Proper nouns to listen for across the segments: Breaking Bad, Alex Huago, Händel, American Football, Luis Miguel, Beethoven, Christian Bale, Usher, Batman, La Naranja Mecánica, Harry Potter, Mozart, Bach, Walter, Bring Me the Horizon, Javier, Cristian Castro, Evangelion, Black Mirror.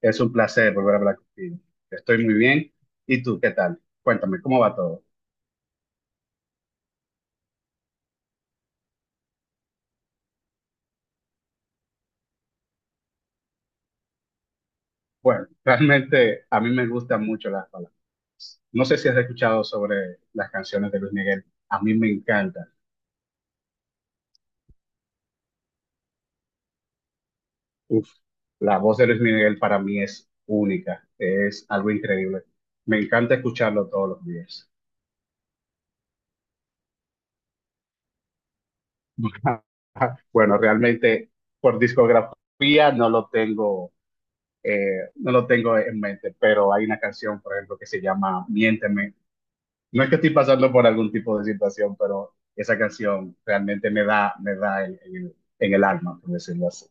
Es un placer volver a hablar contigo. Estoy muy bien. ¿Y tú qué tal? Cuéntame, ¿cómo va todo? Bueno, realmente a mí me gustan mucho las palabras. No sé si has escuchado sobre las canciones de Luis Miguel. A mí me encantan. Uf, la voz de Luis Miguel para mí es única. Es algo increíble. Me encanta escucharlo todos los días. Bueno, realmente por discografía no lo tengo, no lo tengo en mente, pero hay una canción, por ejemplo, que se llama Miénteme. No es que estoy pasando por algún tipo de situación, pero esa canción realmente me da en el alma, por decirlo así.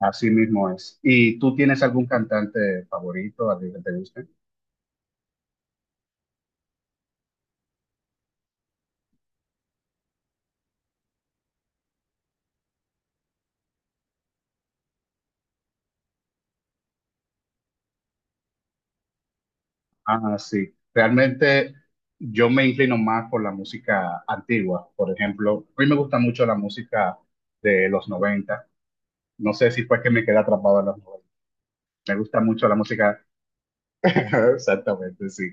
Así mismo es. ¿Y tú tienes algún cantante favorito, alguien que te guste? Ah, sí. Realmente yo me inclino más por la música antigua. Por ejemplo, a mí me gusta mucho la música de los 90. No sé si fue que me quedé atrapado en los 90. Me gusta mucho la música. Exactamente, sí.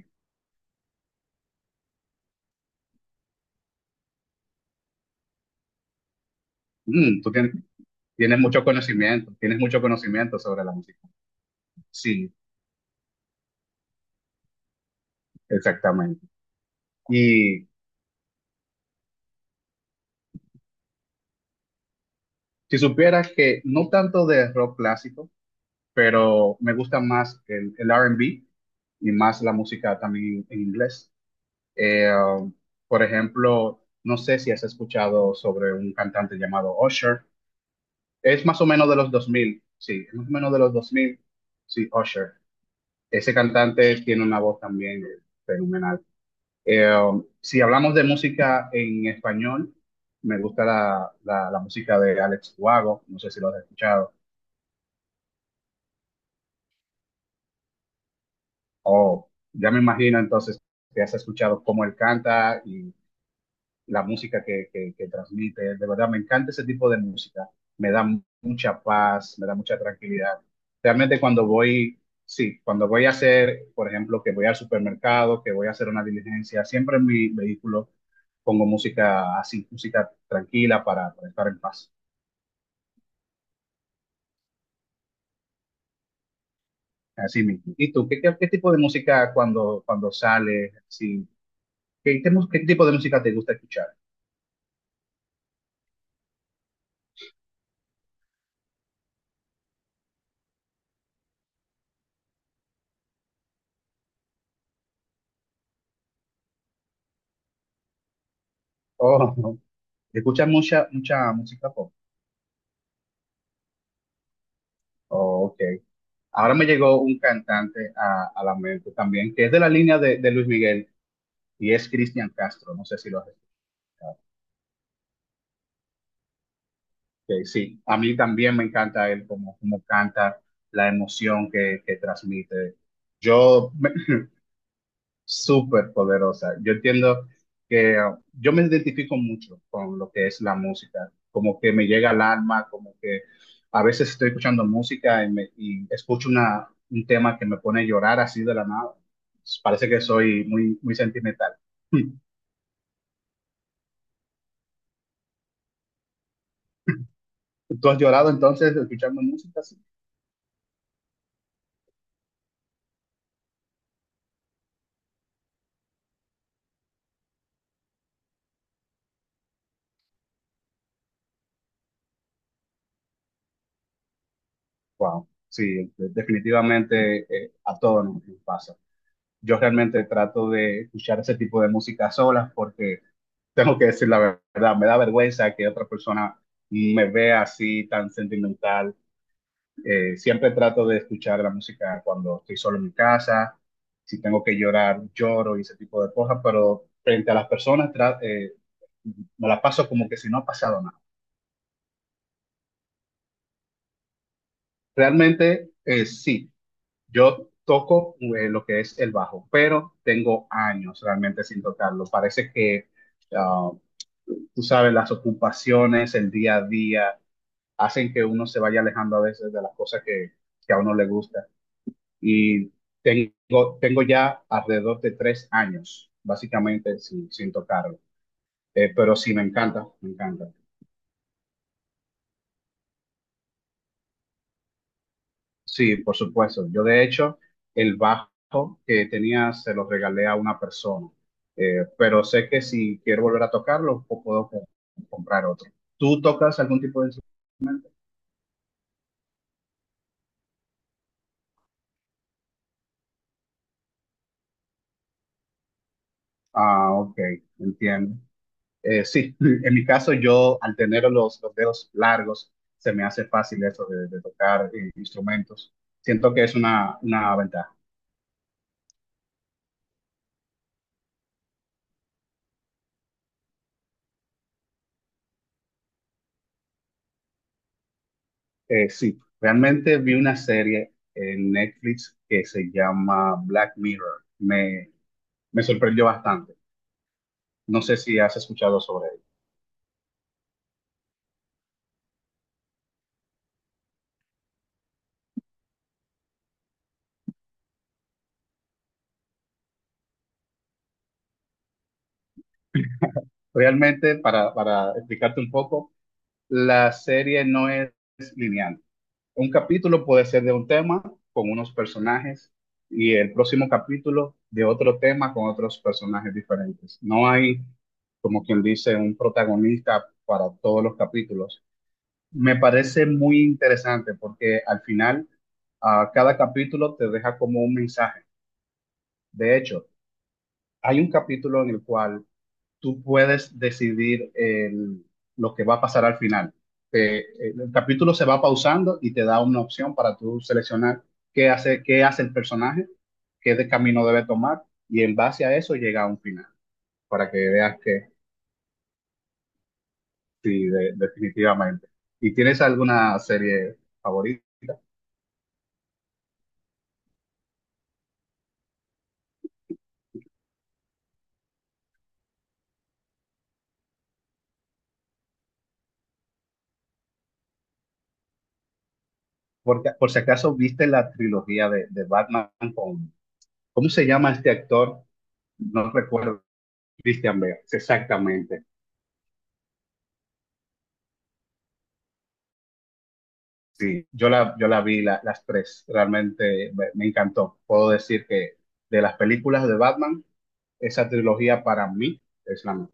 Tú tienes mucho conocimiento, tienes mucho conocimiento sobre la música. Sí, exactamente. Y si supieras que no tanto de rock clásico, pero me gusta más el R&B y más la música también en inglés. Eh, um, por ejemplo, no sé si has escuchado sobre un cantante llamado Usher. Es más o menos de los 2000. Sí, es más o menos de los dos mil. Sí, Usher. Ese cantante tiene una voz también fenomenal. Eh, si hablamos de música en español, me gusta la música de Alex Huago, no sé si lo has escuchado, o ya me imagino entonces que has escuchado cómo él canta la música que transmite. De verdad, me encanta ese tipo de música. Me da mucha paz, me da mucha tranquilidad. Realmente cuando voy, sí, cuando voy a hacer, por ejemplo, que voy al supermercado, que voy a hacer una diligencia, siempre en mi vehículo pongo música así, música tranquila para estar en paz. Así mismo. ¿Y tú, qué tipo de música cuando sales? Sí, ¿qué tipo de música te gusta escuchar? Oh, ¿escuchas mucha música pop? Oh, ok. Ahora me llegó un cantante a la mente también, que es de la línea de Luis Miguel y es Cristian Castro. No sé si lo has escuchado. Que sí, a mí también me encanta él, como canta, la emoción que transmite. Yo, me- Súper poderosa. Yo entiendo que yo me identifico mucho con lo que es la música, como que me llega al alma, como que a veces estoy escuchando música y escucho un tema que me pone a llorar así de la nada. Pues, parece que soy muy, muy sentimental. ¿Tú has llorado entonces escuchando música así? Wow, sí, definitivamente a todos nos pasa. Yo realmente trato de escuchar ese tipo de música sola porque tengo que decir la verdad, me da vergüenza que otra persona me vea así tan sentimental. Siempre trato de escuchar la música cuando estoy solo en mi casa, si tengo que llorar, lloro y ese tipo de cosas, pero frente a las personas me la paso como que si no ha pasado nada. Realmente sí, yo toco lo que es el bajo, pero tengo años realmente sin tocarlo. Parece que ah, tú sabes, las ocupaciones, el día a día, hacen que uno se vaya alejando a veces de las cosas que a uno le gusta. Y tengo ya alrededor de 3 años, básicamente, sin, sin tocarlo. Pero sí, me encanta, me encanta. Sí, por supuesto. Yo, de hecho, el bajo que tenía se lo regalé a una persona. Pero sé que si quiero volver a tocarlo, puedo comprar otro. ¿Tú tocas algún tipo de Ah, ok, entiendo. Sí, en mi caso yo al tener los dedos largos se me hace fácil eso de tocar instrumentos. Siento que es una ventaja. Sí, realmente vi una serie en Netflix que se llama Black Mirror. Me sorprendió bastante. No sé si has escuchado sobre ella. Realmente, para explicarte un poco, la serie no es lineal. Un capítulo puede ser de un tema con unos personajes y el próximo capítulo de otro tema con otros personajes diferentes. No hay, como quien dice, un protagonista para todos los capítulos. Me parece muy interesante porque al final a cada capítulo te deja como un mensaje. De hecho, hay un capítulo en el cual tú puedes decidir lo que va a pasar al final. Te- el capítulo se va pausando y te da una opción para tú seleccionar qué hace el personaje, qué de camino debe tomar, y en base a eso llega a un final, para que veas que. Sí, definitivamente. ¿Y tienes alguna serie favorita? Porque, por si acaso viste la trilogía de Batman con, ¿cómo se llama este actor? No recuerdo, Christian Bale, exactamente. Sí, yo la vi las tres, realmente me encantó. Puedo decir que de las películas de Batman, esa trilogía para mí es la mejor.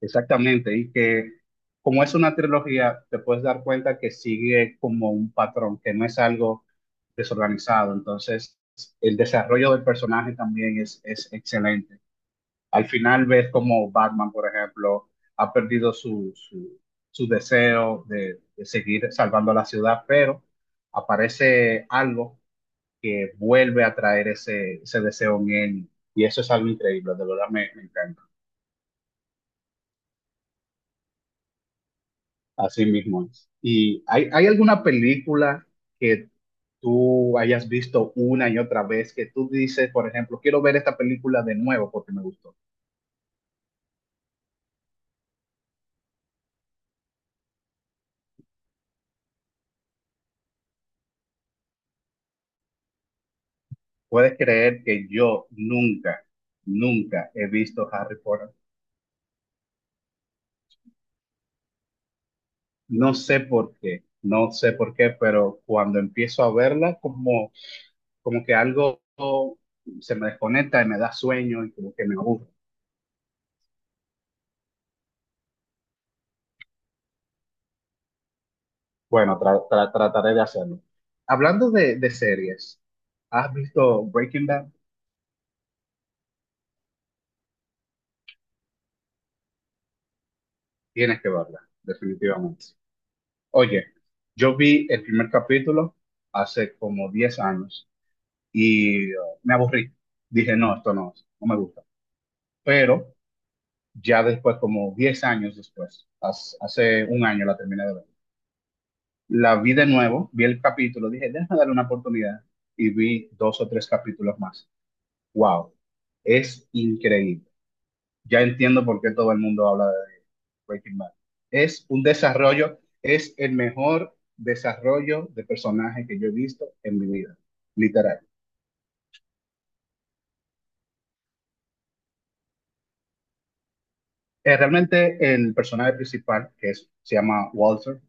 Exactamente, y que como es una trilogía, te puedes dar cuenta que sigue como un patrón, que no es algo desorganizado. Entonces, el desarrollo del personaje también es excelente. Al final ves como Batman, por ejemplo, ha perdido su deseo de seguir salvando la ciudad, pero aparece algo que vuelve a traer ese deseo en él. Y eso es algo increíble, de verdad me encanta. Así mismo es. ¿Y hay alguna película que tú hayas visto una y otra vez que tú dices, por ejemplo, quiero ver esta película de nuevo porque me gustó? ¿Puedes creer que yo nunca, nunca he visto Harry Potter? No sé por qué, no sé por qué, pero cuando empiezo a verla, como que algo se me desconecta y me da sueño y como que me aburre. Bueno, trataré de hacerlo. Hablando de series, ¿has visto Breaking Bad? Tienes que verla, definitivamente. Oye, yo vi el primer capítulo hace como 10 años y me aburrí. Dije, no, esto no, no me gusta. Pero ya después, como 10 años después, hace un año la terminé de ver. La vi de nuevo, vi el capítulo, dije, déjame darle una oportunidad y vi dos o tres capítulos más. ¡Wow! Es increíble. Ya entiendo por qué todo el mundo habla de Breaking Bad. Es un desarrollo, es el mejor desarrollo de personaje que yo he visto en mi vida, literal. Realmente el personaje principal, se llama Walter,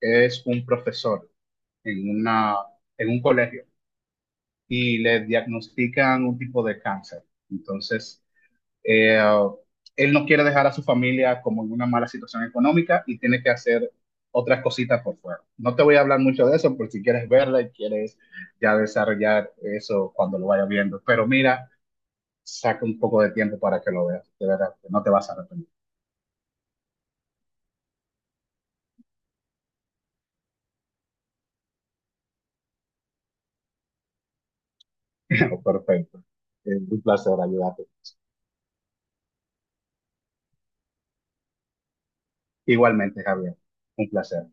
es un profesor en una, en un colegio y le diagnostican un tipo de cáncer. Entonces, eh, él no quiere dejar a su familia como en una mala situación económica y tiene que hacer otras cositas por fuera. No te voy a hablar mucho de eso por si quieres verla y quieres ya desarrollar eso cuando lo vayas viendo. Pero mira, saca un poco de tiempo para que lo veas. De verdad, que no te vas a arrepentir. Perfecto. Es un placer ayudarte. Igualmente, Javier. Un placer.